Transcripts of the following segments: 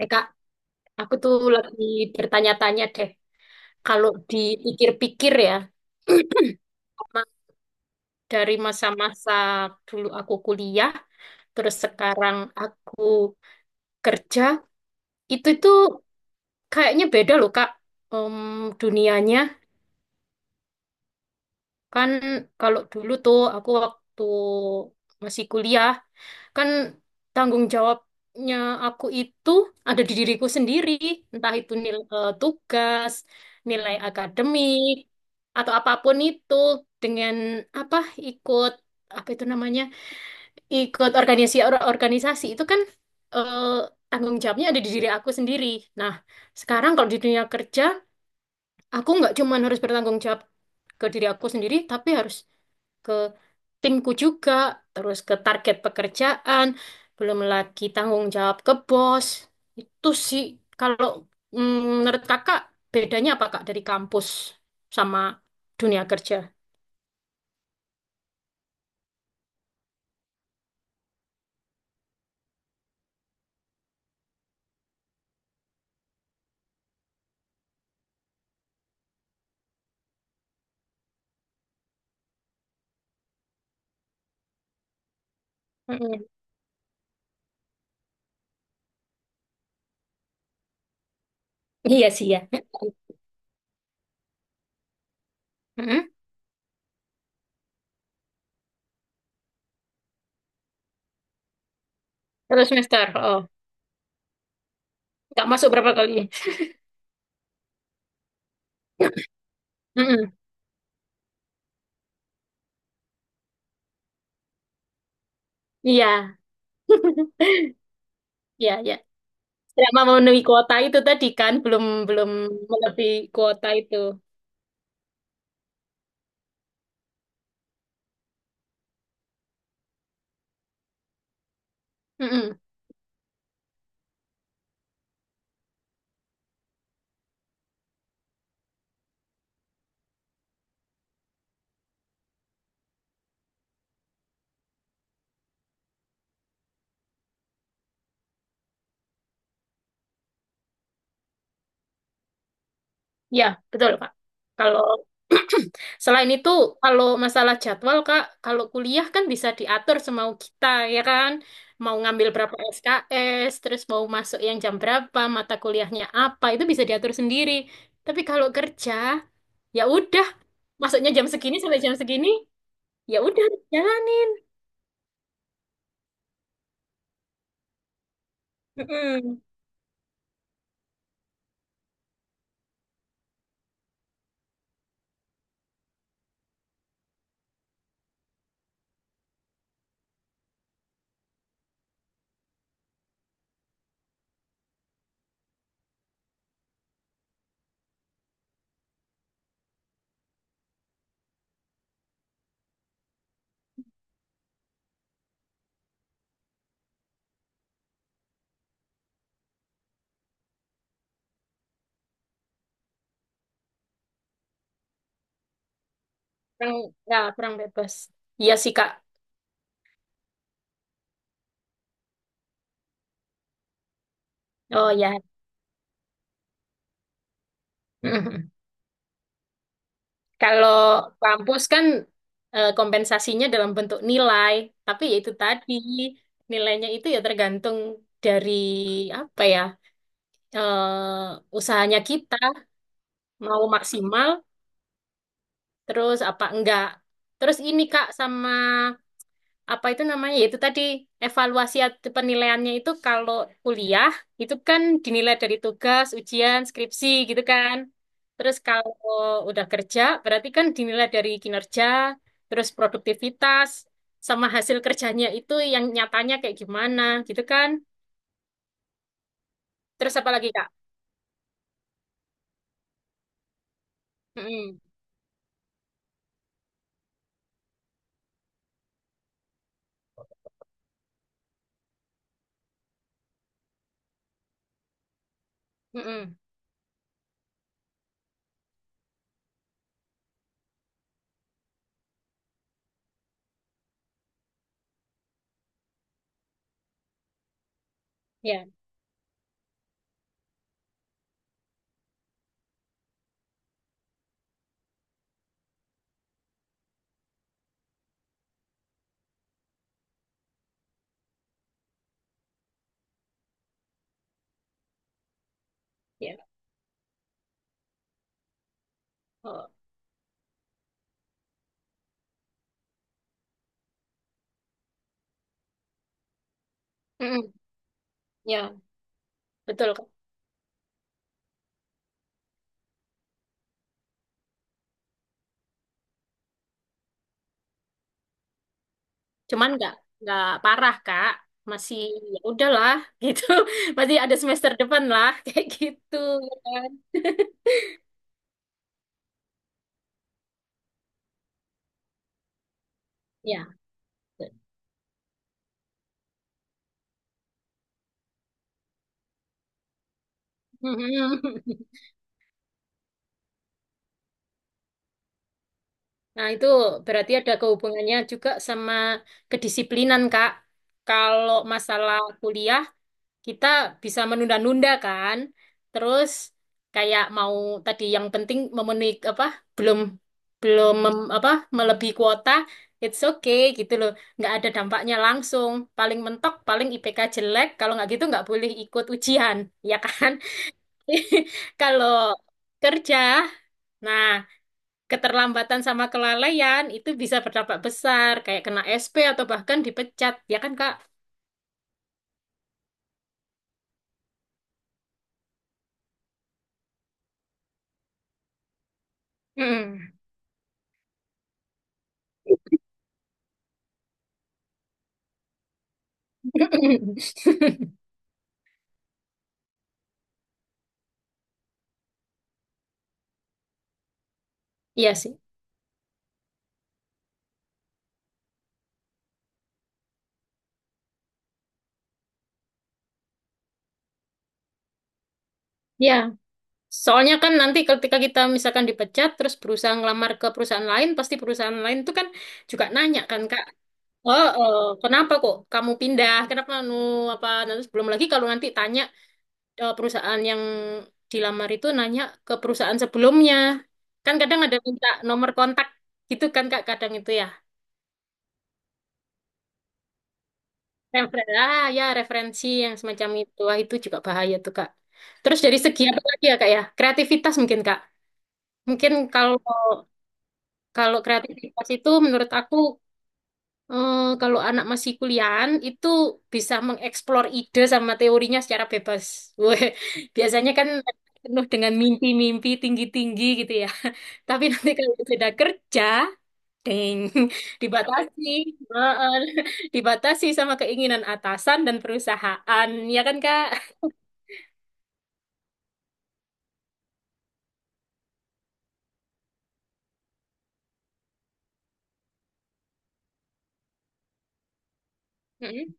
Eh Kak, aku tuh lagi bertanya-tanya deh. Kalau dipikir-pikir ya, ma- dari masa-masa dulu aku kuliah, terus sekarang aku kerja, itu tuh kayaknya beda loh Kak, Em, dunianya. Kan kalau dulu tuh aku waktu masih kuliah, kan tanggung jawabnya aku itu ada di diriku sendiri, entah itu nilai tugas, nilai akademik, atau apapun itu dengan apa ikut apa itu namanya ikut organisasi organisasi itu kan, eh, tanggung jawabnya ada di diri aku sendiri. Nah, sekarang kalau di dunia kerja, aku nggak cuma harus bertanggung jawab ke diri aku sendiri, tapi harus timku juga, terus ke target pekerjaan, belum lagi tanggung jawab ke bos. Itu sih, kalau mm, menurut kakak, bedanya apa Kak dari kampus sama dunia kerja? Mm-mm. Iya sih ya. Mm-mm. Terus semester, oh, nggak masuk berapa kali? Mm-mm. Iya, iya, iya. Selama memenuhi kuota itu tadi kan, belum belum melebihi kuota itu. Mm-mm. Ya, betul, Kak. Kalau selain itu, kalau masalah jadwal, Kak, kalau kuliah kan bisa diatur semau kita, ya kan? Mau ngambil berapa SKS, terus mau masuk yang jam berapa, mata kuliahnya apa, itu bisa diatur sendiri. Tapi kalau kerja, ya udah, masuknya jam segini sampai jam segini, ya udah jalanin. Mm-mm. Kurang, ya, kurang bebas. Iya sih, Kak. Oh ya. Kalau kampus kan kompensasinya dalam bentuk nilai, tapi ya itu tadi nilainya itu ya tergantung dari apa ya, usahanya kita mau maksimal terus apa enggak. Terus ini Kak sama apa itu namanya? Yaitu tadi evaluasi atau penilaiannya itu kalau kuliah itu kan dinilai dari tugas, ujian, skripsi gitu kan. Terus kalau udah kerja berarti kan dinilai dari kinerja, terus produktivitas sama hasil kerjanya itu yang nyatanya kayak gimana gitu kan. Terus apa lagi, Kak? Mm-mm, mm-mm, ya, ya. Oh, mm-mm, ya, betul. Cuman nggak parah Kak, masih ya udahlah gitu. Masih ada semester depan lah. Kayak gitu ya kan ya. Nah itu berarti ada kehubungannya juga sama kedisiplinan Kak, kalau masalah kuliah kita bisa menunda-nunda kan. Terus kayak mau tadi yang penting memenuhi apa, belum belum apa melebihi kuota, it's okay gitu loh. Nggak ada dampaknya langsung. Paling mentok, paling IPK jelek. Kalau nggak gitu nggak boleh ikut ujian, ya kan? Kalau kerja, nah, keterlambatan sama kelalaian itu bisa berdampak besar, kayak kena SP atau bahkan dipecat, ya kan Kak? Mm. Iya sih. Ya, soalnya kan nanti ketika kita misalkan dipecat terus berusaha ngelamar ke perusahaan lain, pasti perusahaan lain itu kan juga nanya kan Kak, oh, oh, kenapa kok kamu pindah? Kenapa apa? Nanti belum lagi kalau nanti tanya, perusahaan yang dilamar itu nanya ke perusahaan sebelumnya, kan kadang ada minta nomor kontak gitu kan Kak, kadang itu ya. Referensi, ah, ya referensi yang semacam itu, wah, itu juga bahaya tuh Kak. Terus dari segi apa lagi ya Kak ya? Kreativitas mungkin Kak. Mungkin kalau Kalau kreativitas itu menurut aku, kalau anak masih kuliahan itu bisa mengeksplor ide sama teorinya secara bebas. Weh, biasanya kan penuh dengan mimpi-mimpi tinggi-tinggi gitu ya. Tapi nanti kalau sudah kerja, deng, dibatasi. Heeh, dibatasi sama keinginan atasan dan perusahaan, ya kan Kak? Mm-mm,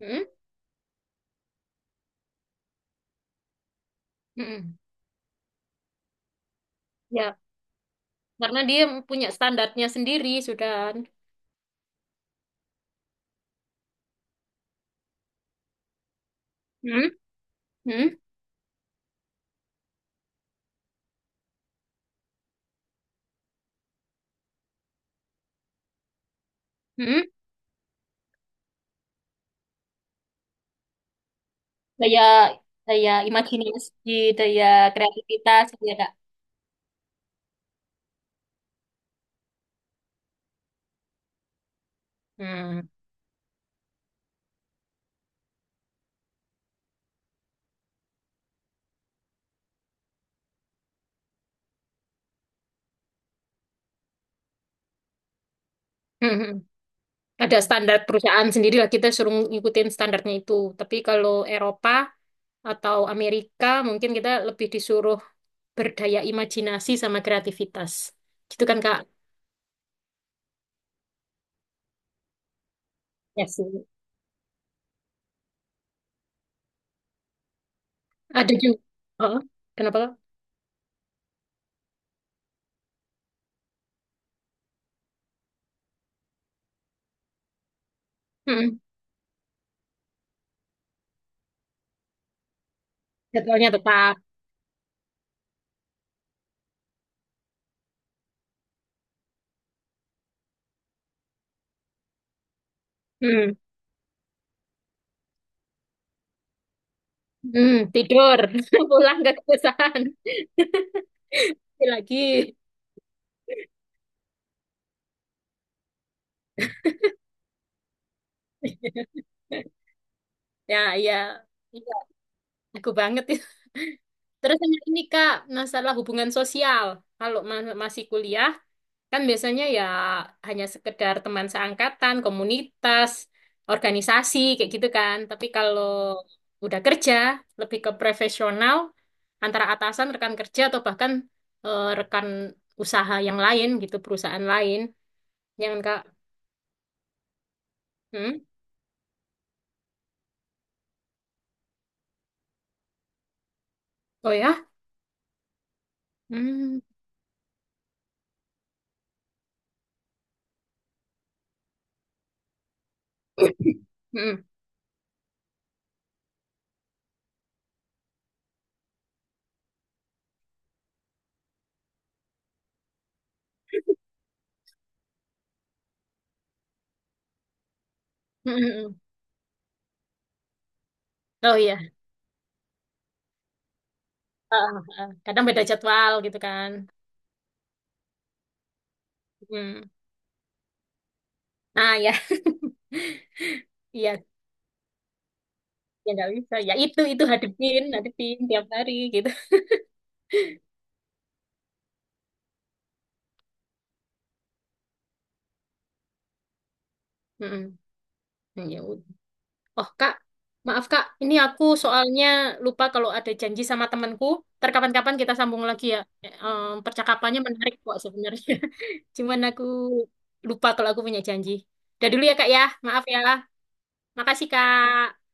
mm-mm, mm-mm. Ya, karena dia punya standarnya sendiri sudah. Hmm, hmm, hmm. daya daya imajinasi, daya kreativitas gitu ya, Kak. Hmm. Hmm. Ada standar perusahaan sendiri lah, kita suruh ngikutin standarnya itu. Tapi kalau Eropa atau Amerika mungkin kita lebih disuruh berdaya imajinasi sama kreativitas. Gitu kan Kak? Ya sih. Ada juga. Oh, kenapa Kak? Hmm. Hmm. Jadwalnya tetap. Hmm. Hmm. Tidur, pulang ke perusahaan. Lagi. Ya, iya. Iya, aku banget. Terus sama ini Kak, masalah hubungan sosial. Kalau masih kuliah, kan biasanya ya hanya sekedar teman seangkatan, komunitas, organisasi, kayak gitu kan. Tapi kalau udah kerja, lebih ke profesional, antara atasan, rekan kerja, atau bahkan, rekan usaha yang lain gitu, perusahaan lain. Jangan Kak. Hmm? Oh ya? Hmm. Hmm. Hmm. Hmm, hmm. Oh iya. Ah, ah, ah. Kadang beda jadwal gitu kan. Hmm. Nah ya. Iya, ya nggak bisa ya, itu hadepin hadepin tiap hari gitu. Mm-mm. Hmm, ya udah. Oh Kak, maaf Kak, ini aku soalnya lupa kalau ada janji sama temanku. Ntar kapan-kapan kita sambung lagi ya. Eh, percakapannya menarik kok sebenarnya. Cuman aku lupa kalau aku punya janji. Udah dulu ya Kak ya, maaf ya. Makasih Kak.